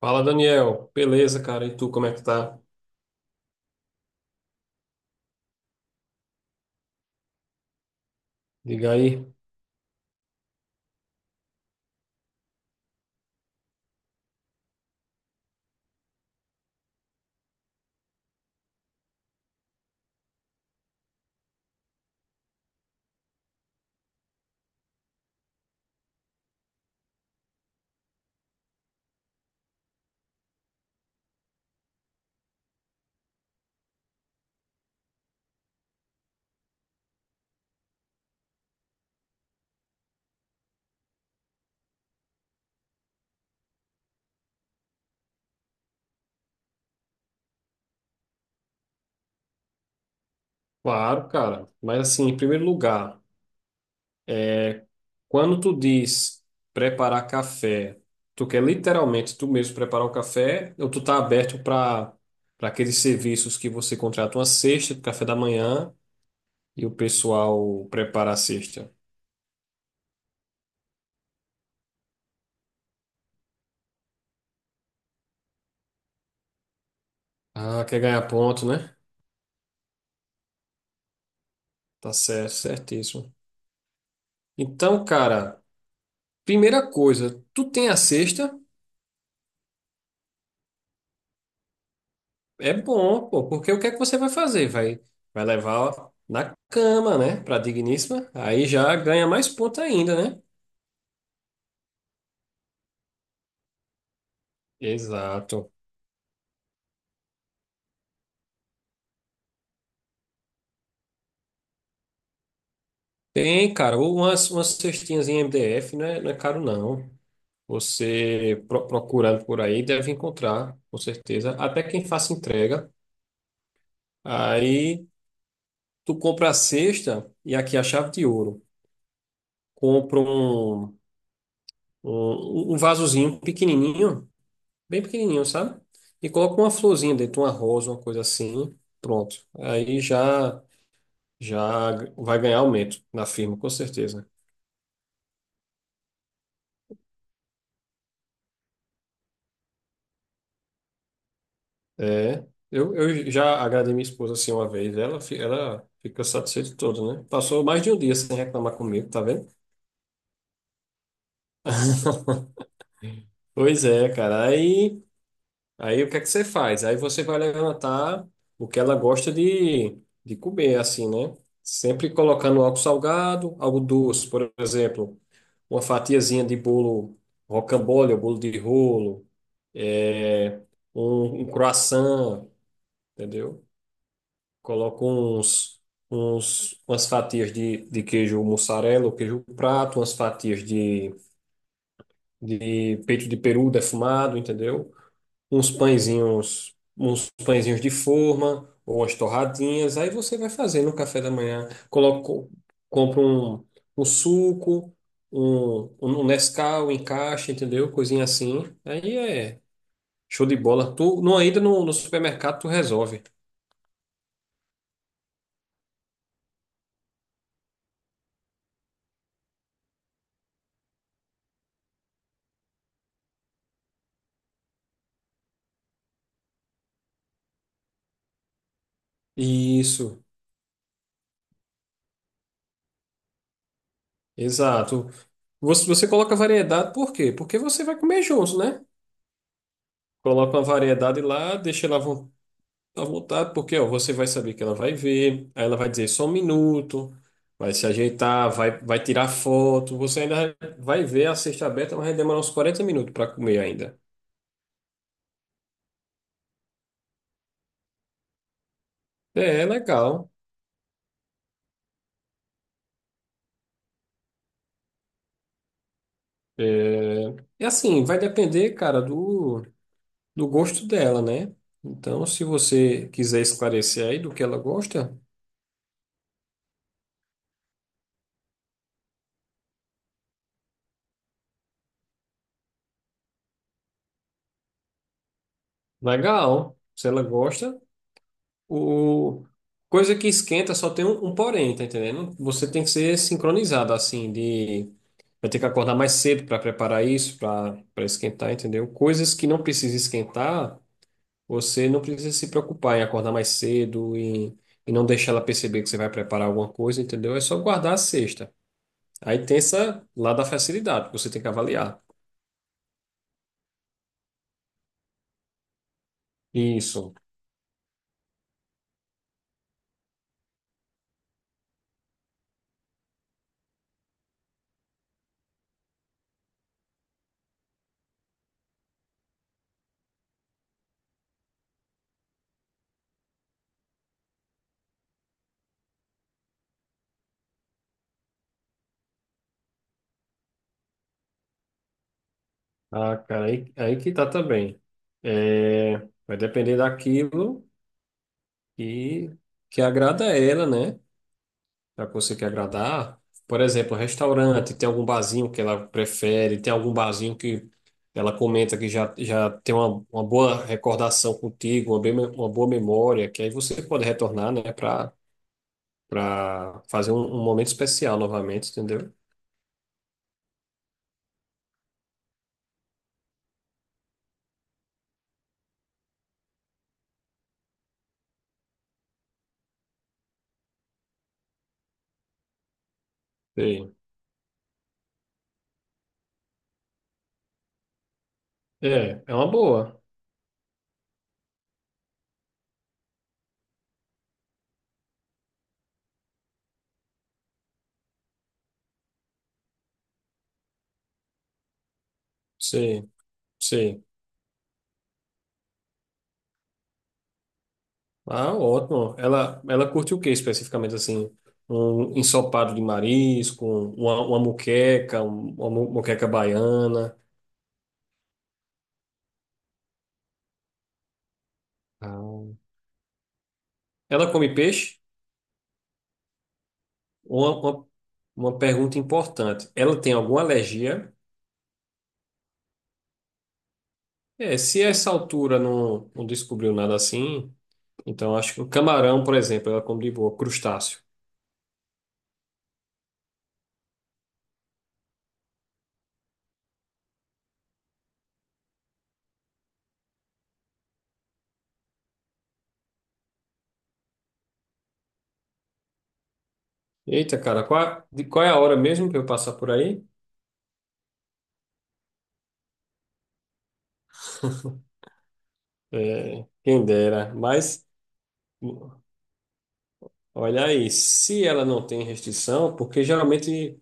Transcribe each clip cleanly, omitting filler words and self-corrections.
Fala, Daniel. Beleza, cara? E tu, como é que tá? Diga aí. Claro, cara. Mas assim, em primeiro lugar, quando tu diz preparar café, tu quer literalmente tu mesmo preparar o café ou tu tá aberto para aqueles serviços que você contrata uma cesta de café da manhã e o pessoal prepara a cesta? Ah, quer ganhar ponto, né? Tá certo, certíssimo. Então, cara, primeira coisa, tu tem a cesta? É bom, pô, porque o que é que você vai fazer? Vai levar na cama, né? Pra digníssima. Aí já ganha mais ponto ainda, né? Exato. Tem, cara, ou umas cestinhas em MDF, não é caro, não. Você procurando por aí deve encontrar, com certeza. Até quem faça entrega. Aí tu compra a cesta e aqui é a chave de ouro. Compra um vasozinho pequenininho bem pequenininho, sabe? E coloca uma florzinha dentro, uma rosa, uma coisa assim, pronto. Aí já vai ganhar aumento na firma, com certeza. É, eu já agradei minha esposa assim uma vez, ela, ela fica satisfeita toda, né? Passou mais de um dia sem reclamar comigo, tá vendo? Pois é, cara. Aí o que é que você faz? Aí você vai levantar o que ela gosta de comer, assim, né? Sempre colocando algo salgado, algo doce, por exemplo, uma fatiazinha de bolo rocambole, ou bolo de rolo, é, um croissant, entendeu? Coloca umas fatias de queijo mussarela ou queijo prato, umas fatias de peito de peru defumado, entendeu? Uns pãezinhos, uns pãezinhos de forma ou umas torradinhas. Aí você vai fazer no café da manhã. Coloca, compra um suco, um Nescau em caixa, entendeu? Coisinha assim. Aí é show de bola. Tu, não, ainda no supermercado tu resolve. Isso, exato. Você coloca variedade, por quê? Porque você vai comer junto, né? Coloca uma variedade lá, deixa ela à vontade, porque ó, você vai saber que ela vai ver, aí ela vai dizer só um minuto, vai se ajeitar, vai tirar foto, você ainda vai ver a cesta aberta, mas vai demorar uns quarenta minutos para comer ainda. É, é legal. É, e assim, vai depender, cara, do, do gosto dela, né? Então, se você quiser esclarecer aí do que ela gosta, legal. Se ela gosta, o... Coisa que esquenta só tem um porém, tá entendendo? Você tem que ser sincronizado, assim, de. Vai ter que acordar mais cedo para preparar isso, para esquentar, entendeu? Coisas que não precisa esquentar, você não precisa se preocupar em acordar mais cedo e não deixar ela perceber que você vai preparar alguma coisa, entendeu? É só guardar a cesta. Aí tem essa lá da facilidade, que você tem que avaliar. Isso. Ah, cara, aí que tá também. É, vai depender daquilo. E que agrada a ela, né? Já que você quer agradar. Por exemplo, restaurante, tem algum barzinho que ela prefere, tem algum barzinho que ela comenta que já tem uma boa recordação contigo, uma, bem, uma boa memória, que aí você pode retornar, né, para fazer um momento especial novamente, entendeu? Sim. É, é uma boa. Sim, sim. Ah, ótimo. Ela curte o que especificamente assim? Um ensopado de marisco, uma moqueca, moqueca baiana. Ah. Ela come peixe? Uma, uma, uma pergunta importante. Ela tem alguma alergia? É, se essa altura não, não descobriu nada assim, então acho que o camarão, por exemplo, ela come de boa, crustáceo. Eita, cara, qual, de, qual é a hora mesmo que eu passar por aí? É, quem dera, mas. Olha aí, se ela não tem restrição, porque geralmente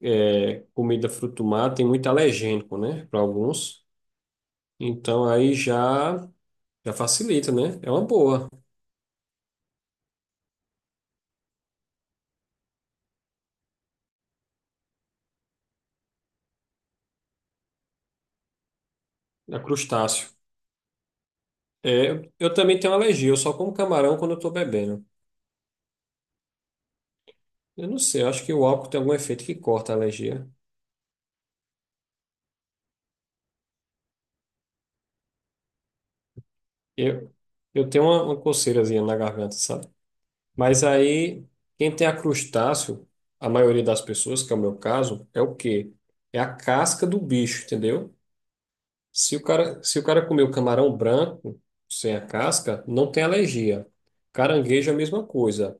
é, comida fruto do mar tem muito alergênico, né, para alguns. Então aí já já facilita, né? É uma boa, é crustáceo. É, eu também tenho alergia, eu só como camarão quando eu estou bebendo. Eu não sei, eu acho que o álcool tem algum efeito que corta a alergia. Eu, eu tenho uma coceirazinha na garganta, sabe? Mas aí, quem tem a crustáceo, a maioria das pessoas, que é o meu caso, é o quê? É a casca do bicho, entendeu? Se se o cara comer o camarão branco, sem a casca, não tem alergia. Caranguejo é a mesma coisa.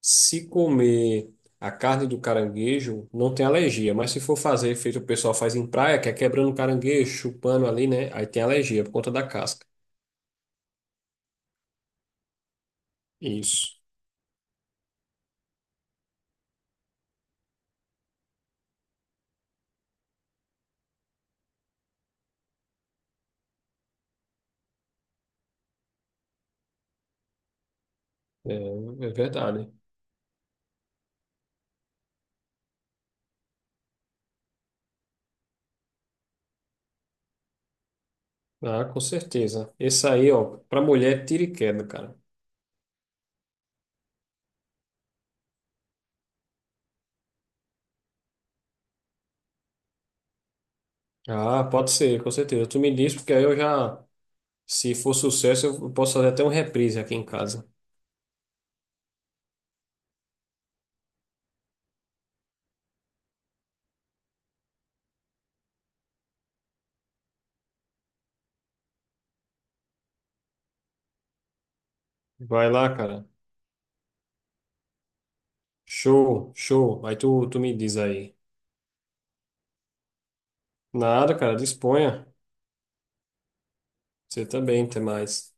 Se comer a carne do caranguejo, não tem alergia. Mas se for fazer feito o pessoal faz em praia, que é quebrando o caranguejo, chupando ali, né? Aí tem alergia por conta da casca. Isso. É, é verdade. Ah, com certeza. Esse aí, ó, pra mulher, é tira e queda, cara. Ah, pode ser, com certeza. Tu me diz, porque aí eu já, se for sucesso, eu posso fazer até um reprise aqui em casa. Vai lá, cara. Show, show. Tu me diz aí. Nada, cara, disponha. Você também, até mais.